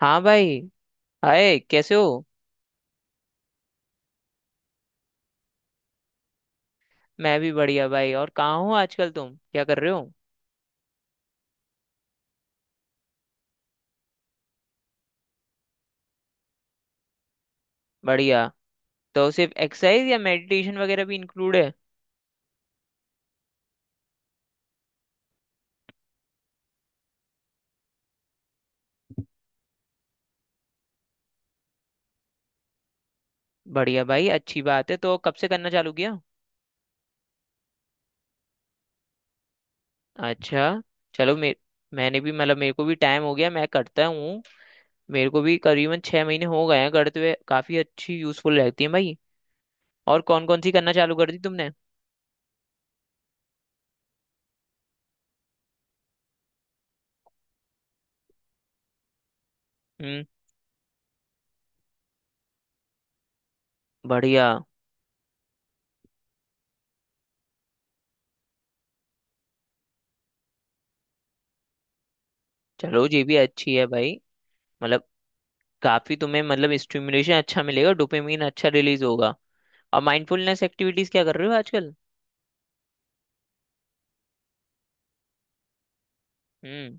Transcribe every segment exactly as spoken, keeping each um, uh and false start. हाँ भाई। हाय कैसे हो? मैं भी बढ़िया भाई। और कहाँ हो आजकल, तुम क्या कर रहे हो? बढ़िया। तो सिर्फ एक्सरसाइज या मेडिटेशन वगैरह भी इंक्लूड है? बढ़िया भाई, अच्छी बात है। तो कब से करना चालू किया? अच्छा। चलो मे मैंने भी मतलब मेरे को भी टाइम हो गया, मैं करता हूँ। मेरे को भी करीबन छह महीने हो गए हैं करते हुए, काफी अच्छी यूजफुल रहती है भाई। और कौन कौन सी करना चालू कर दी तुमने? हम्म। बढ़िया। चलो ये भी अच्छी है भाई। मतलब काफी तुम्हें मतलब स्टिमुलेशन अच्छा मिलेगा, डोपामिन अच्छा रिलीज होगा। अब माइंडफुलनेस एक्टिविटीज क्या कर रहे हो आजकल? हम्म।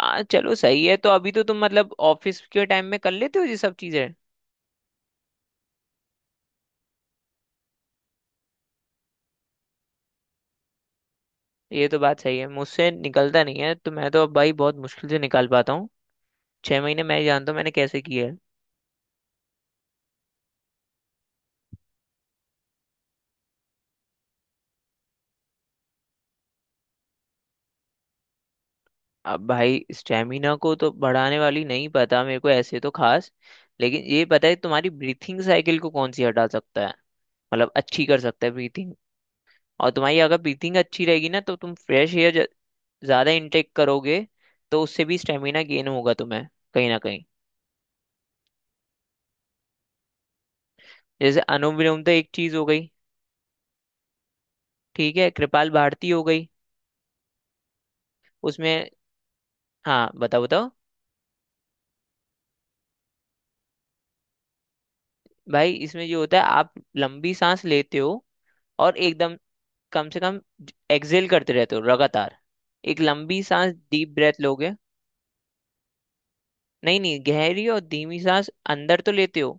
आ चलो सही है। तो अभी तो तुम मतलब ऑफिस के टाइम में कर लेते हो ये सब चीजें? ये तो बात सही है, मुझसे निकलता नहीं है तो मैं तो अब भाई बहुत मुश्किल से निकाल पाता हूँ। छह महीने मैं जानता हूँ मैंने कैसे किया है। अब भाई स्टेमिना को तो बढ़ाने वाली नहीं पता मेरे को ऐसे तो खास, लेकिन ये पता है तुम्हारी ब्रीथिंग साइकिल को कौन सी हटा सकता है, मतलब अच्छी कर सकता है ब्रीथिंग। और तुम्हारी अगर ब्रीथिंग अच्छी रहेगी ना तो तुम फ्रेश एयर ज्यादा इनटेक करोगे, तो उससे भी स्टेमिना गेन होगा तुम्हें कहीं ना कहीं। जैसे अनुलोम विलोम तो एक चीज हो गई, ठीक है। कृपाल भारती हो गई उसमें। हाँ बताओ बताओ। भाई इसमें जो होता है आप लंबी सांस लेते हो और एकदम कम से कम एक्सेल करते रहते हो लगातार। एक लंबी सांस डीप ब्रेथ लोगे। नहीं नहीं, गहरी और धीमी सांस अंदर तो लेते हो,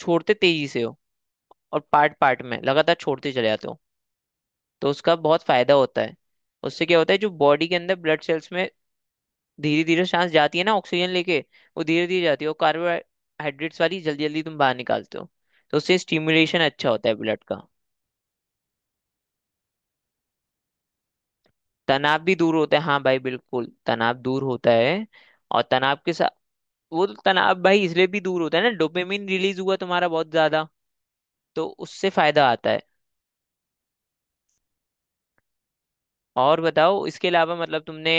छोड़ते तेजी से हो। और पार्ट पार्ट में लगातार छोड़ते चले जाते हो, तो उसका बहुत फायदा होता है। उससे क्या होता है जो बॉडी के अंदर ब्लड सेल्स में धीरे धीरे सांस जाती है ना ऑक्सीजन लेके, वो धीरे धीरे जाती है, और कार्बोहाइड्रेट्स वाली जल्दी जल्दी तुम बाहर निकालते हो, तो उससे स्टिमुलेशन अच्छा होता है ब्लड का। तनाव भी दूर होता है, हाँ भाई बिल्कुल तनाव दूर होता है। और तनाव के साथ वो तो तनाव भाई इसलिए भी दूर होता है ना, डोपामिन रिलीज हुआ तुम्हारा बहुत ज्यादा, तो उससे फायदा आता है। और बताओ इसके अलावा मतलब तुमने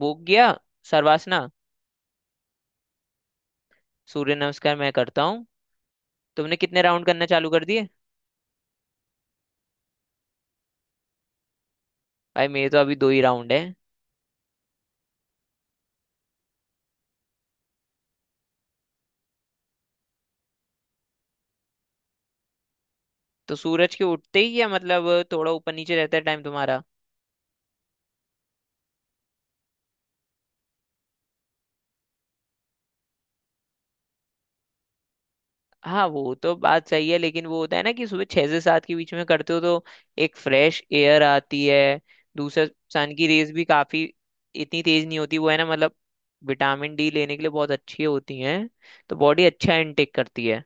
वो किया शर्वासना? सूर्य नमस्कार मैं करता हूँ। तुमने कितने राउंड करना चालू कर दिए? भाई मेरे तो अभी दो ही राउंड है। तो सूरज के उठते ही या मतलब थोड़ा ऊपर नीचे रहता है टाइम तुम्हारा? हाँ वो तो बात सही है, लेकिन वो होता है ना कि सुबह छह से सात के बीच में करते हो तो एक फ्रेश एयर आती है। दूसरा, सन की रेज भी काफी इतनी तेज नहीं होती वो है ना, मतलब विटामिन डी लेने के लिए बहुत अच्छी होती हैं, तो बॉडी अच्छा इनटेक करती है।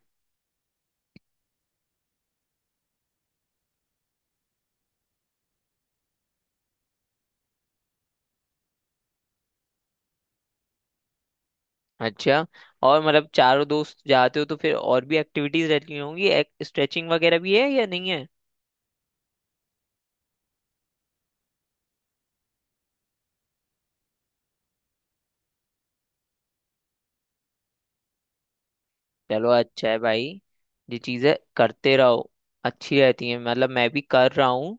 अच्छा। और मतलब चारों दोस्त जाते हो तो फिर और भी एक्टिविटीज रहती होंगी? स्ट्रेचिंग वगैरह भी है या नहीं है? चलो अच्छा है भाई, ये चीजें करते रहो, अच्छी रहती हैं, मतलब मैं भी कर रहा हूँ।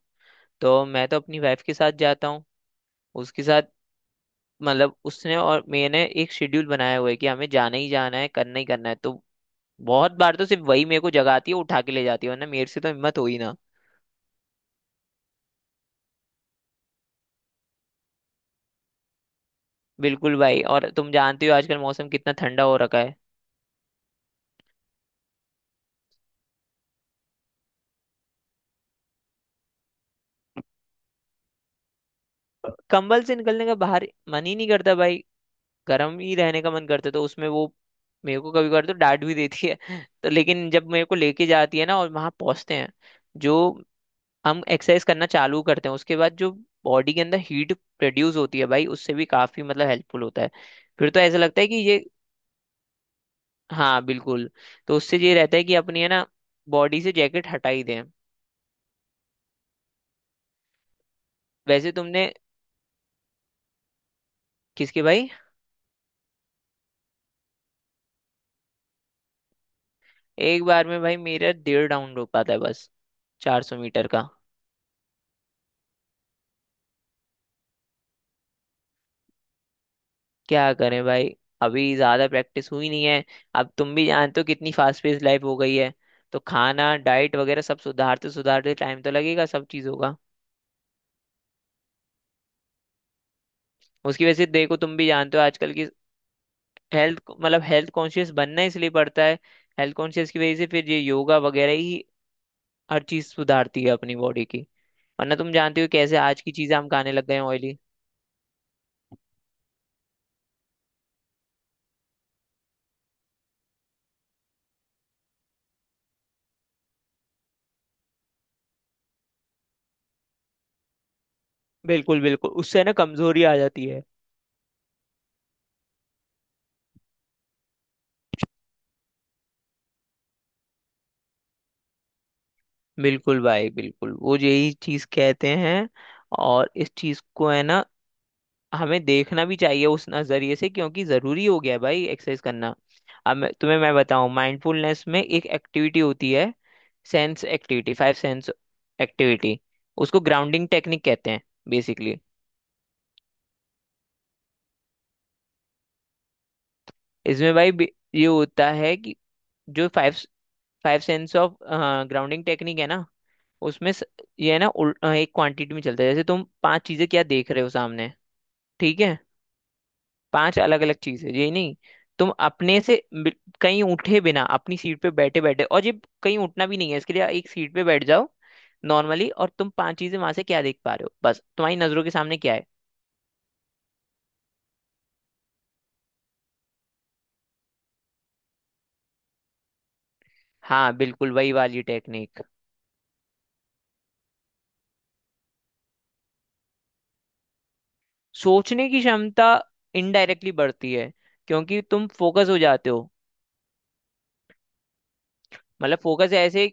तो मैं तो अपनी वाइफ के साथ जाता हूँ उसके साथ, मतलब उसने और मैंने एक शेड्यूल बनाया हुआ है कि हमें जाना ही जाना है करना ही करना है, तो बहुत बार तो सिर्फ वही मेरे को जगाती है, उठा के ले जाती है, वरना मेरे से तो हिम्मत हो ही ना। बिल्कुल भाई, और तुम जानते हो आजकल मौसम कितना ठंडा हो रखा है। कंबल से निकलने का बाहर मन ही नहीं करता भाई, गर्म ही रहने का मन करता है, तो उसमें वो मेरे को कभी कभार तो डांट भी देती है तो। लेकिन जब मेरे को लेके जाती है ना और वहां पहुंचते हैं, जो हम एक्सरसाइज करना चालू करते हैं उसके बाद जो बॉडी के अंदर हीट प्रोड्यूस होती है भाई, उससे भी काफी मतलब हेल्पफुल होता है। फिर तो ऐसा लगता है कि ये, हाँ बिल्कुल, तो उससे ये रहता है कि अपनी है ना बॉडी से जैकेट हटा ही दें। वैसे तुमने। किसके भाई? एक बार में भाई मेरा डेढ़ राउंड हो पाता है बस, चार सौ मीटर का। क्या करें भाई, अभी ज्यादा प्रैक्टिस हुई नहीं है। अब तुम भी जानते हो कितनी फास्ट पेस लाइफ हो गई है, तो खाना डाइट वगैरह सब सुधारते सुधारते टाइम तो लगेगा, सब चीज होगा। उसकी वजह से देखो तुम भी जानते हो आजकल की हेल्थ, मतलब हेल्थ कॉन्शियस बनना इसलिए पड़ता है, हेल्थ कॉन्शियस की वजह से फिर ये योगा वगैरह ही हर चीज सुधारती है अपनी बॉडी की, वरना तुम जानते हो कैसे आज की चीजें हम खाने लग गए हैं ऑयली। बिल्कुल बिल्कुल, उससे ना कमजोरी आ जाती है। बिल्कुल भाई बिल्कुल, वो यही चीज कहते हैं। और इस चीज को है ना हमें देखना भी चाहिए उस नजरिए से, क्योंकि जरूरी हो गया है भाई एक्सरसाइज करना। अब मैं, तुम्हें मैं बताऊं माइंडफुलनेस में एक एक्टिविटी होती है, sense activity, five sense activity, उसको ग्राउंडिंग टेक्निक कहते हैं बेसिकली। इसमें भाई बे- ये होता है कि जो five five sense of grounding technique है ना, उसमें स- ये है ना उल- अ, एक क्वांटिटी में चलता है। जैसे तुम पांच चीजें क्या देख रहे हो सामने? ठीक है, पांच अलग अलग चीजें, ये नहीं तुम अपने से बि- कहीं उठे बिना अपनी सीट पे बैठे बैठे, और ये कहीं उठना भी नहीं है इसके लिए, एक सीट पे बैठ जाओ नॉर्मली और तुम पांच चीजें वहां से क्या देख पा रहे हो, बस तुम्हारी नजरों के सामने क्या है। हाँ बिल्कुल वही वाली टेक्निक। सोचने की क्षमता इनडायरेक्टली बढ़ती है, क्योंकि तुम फोकस हो जाते हो। मतलब फोकस ऐसे,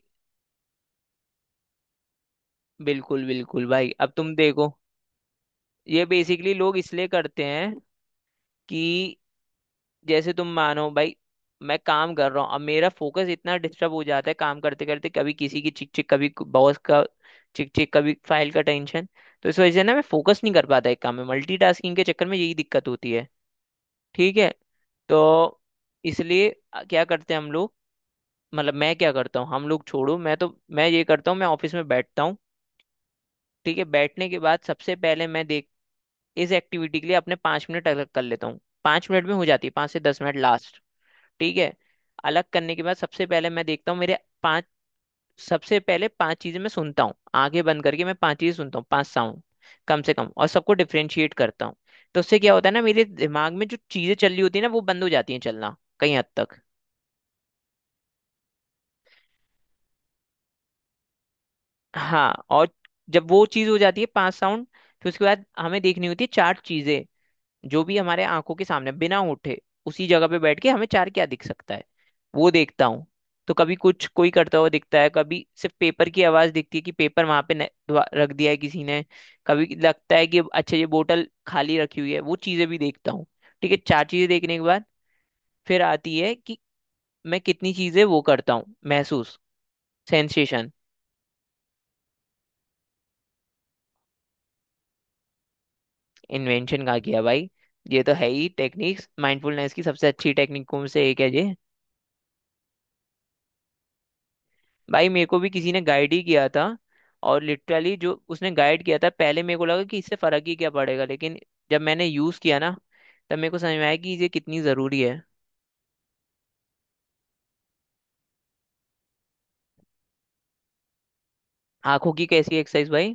बिल्कुल बिल्कुल भाई, अब तुम देखो ये बेसिकली लोग इसलिए करते हैं कि जैसे तुम मानो भाई मैं काम कर रहा हूँ, अब मेरा फोकस इतना डिस्टर्ब हो जाता है काम करते करते, कभी किसी की चिक चिक, कभी बॉस का चिक चिक, कभी फाइल का टेंशन, तो इस वजह से ना मैं फोकस नहीं कर पाता एक काम में, मल्टीटास्किंग के चक्कर में यही दिक्कत होती है। ठीक है। तो इसलिए क्या करते हैं हम लोग, मतलब मैं क्या करता हूँ, हम लोग छोड़ो, मैं तो मैं ये करता हूँ, मैं ऑफिस में बैठता हूँ, ठीक है, बैठने के बाद सबसे पहले मैं देख इस एक्टिविटी के लिए अपने पाँच मिनट अलग कर लेता हूँ, पाँच मिनट में हो जाती है, पाँच से दस मिनट लास्ट। ठीक है, अलग करने के बाद सबसे पहले मैं देखता हूँ मेरे पांच, सबसे पहले पांच चीजें मैं सुनता हूँ, आंखें बंद करके मैं पांच चीजें सुनता हूँ, पांच साउंड कम से कम, और सबको डिफ्रेंशिएट करता हूँ। तो उससे क्या होता है ना मेरे दिमाग में जो चीजें चल रही होती है ना, वो बंद हो जाती हैं चलना कहीं हद तक। हाँ, और जब वो चीज हो जाती है पांच साउंड, फिर उसके बाद हमें देखनी होती है चार चीजें, जो भी हमारे आंखों के सामने बिना उठे उसी जगह पे बैठ के हमें चार क्या दिख सकता है वो देखता हूँ। तो कभी कुछ कोई करता हुआ दिखता है, कभी सिर्फ पेपर की आवाज दिखती है कि पेपर वहां पे न- वा- रख दिया है किसी ने, कभी लगता है कि अच्छा ये बोतल खाली रखी हुई है, वो चीजें भी देखता हूँ। ठीक है, चार चीजें देखने के बाद फिर आती है कि मैं कितनी चीजें वो करता हूँ महसूस, सेंसेशन। इन्वेंशन कहा गया भाई? ये तो है ही टेक्निक्स, माइंडफुलनेस की सबसे अच्छी टेक्निकों में से एक है ये। भाई मेरे को भी किसी ने गाइड ही किया था, और लिटरली जो उसने गाइड किया था पहले मेरे को लगा कि इससे फर्क ही क्या पड़ेगा, लेकिन जब मैंने यूज किया ना तब मेरे को समझ में आया कि ये कितनी जरूरी है। आंखों की कैसी एक्सरसाइज भाई?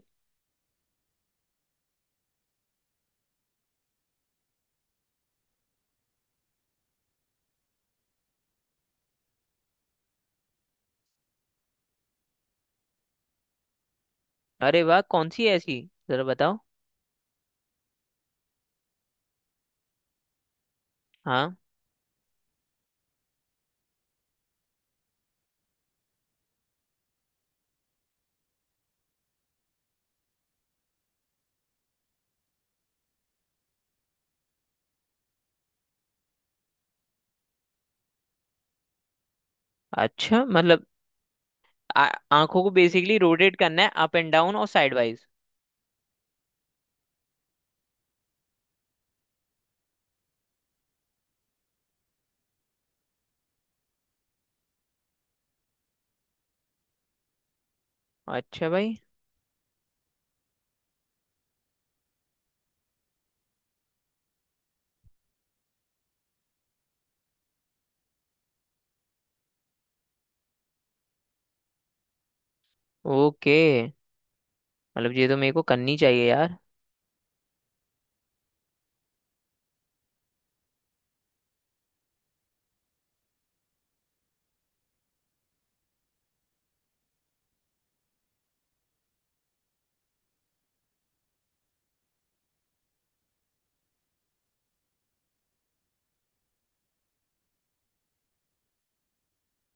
अरे वाह, कौन सी है ऐसी, जरा बताओ। हाँ। अच्छा मतलब आ- आंखों को बेसिकली रोटेट करना है, अप एंड डाउन और साइड वाइज। अच्छा भाई। ओके, मतलब ये तो मेरे को करनी चाहिए यार।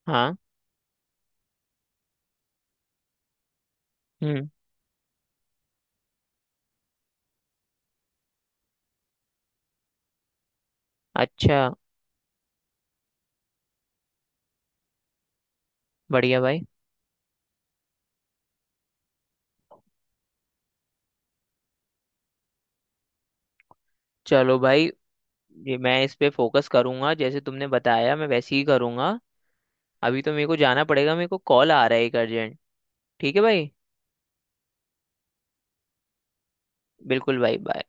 हाँ। हम्म। अच्छा। बढ़िया भाई। चलो भाई, जी मैं इस पे फोकस करूंगा जैसे तुमने बताया, मैं वैसे ही करूंगा। अभी तो मेरे को जाना पड़ेगा, मेरे को कॉल आ रहा है एक अर्जेंट। ठीक है भाई। बिल्कुल भाई, बाय।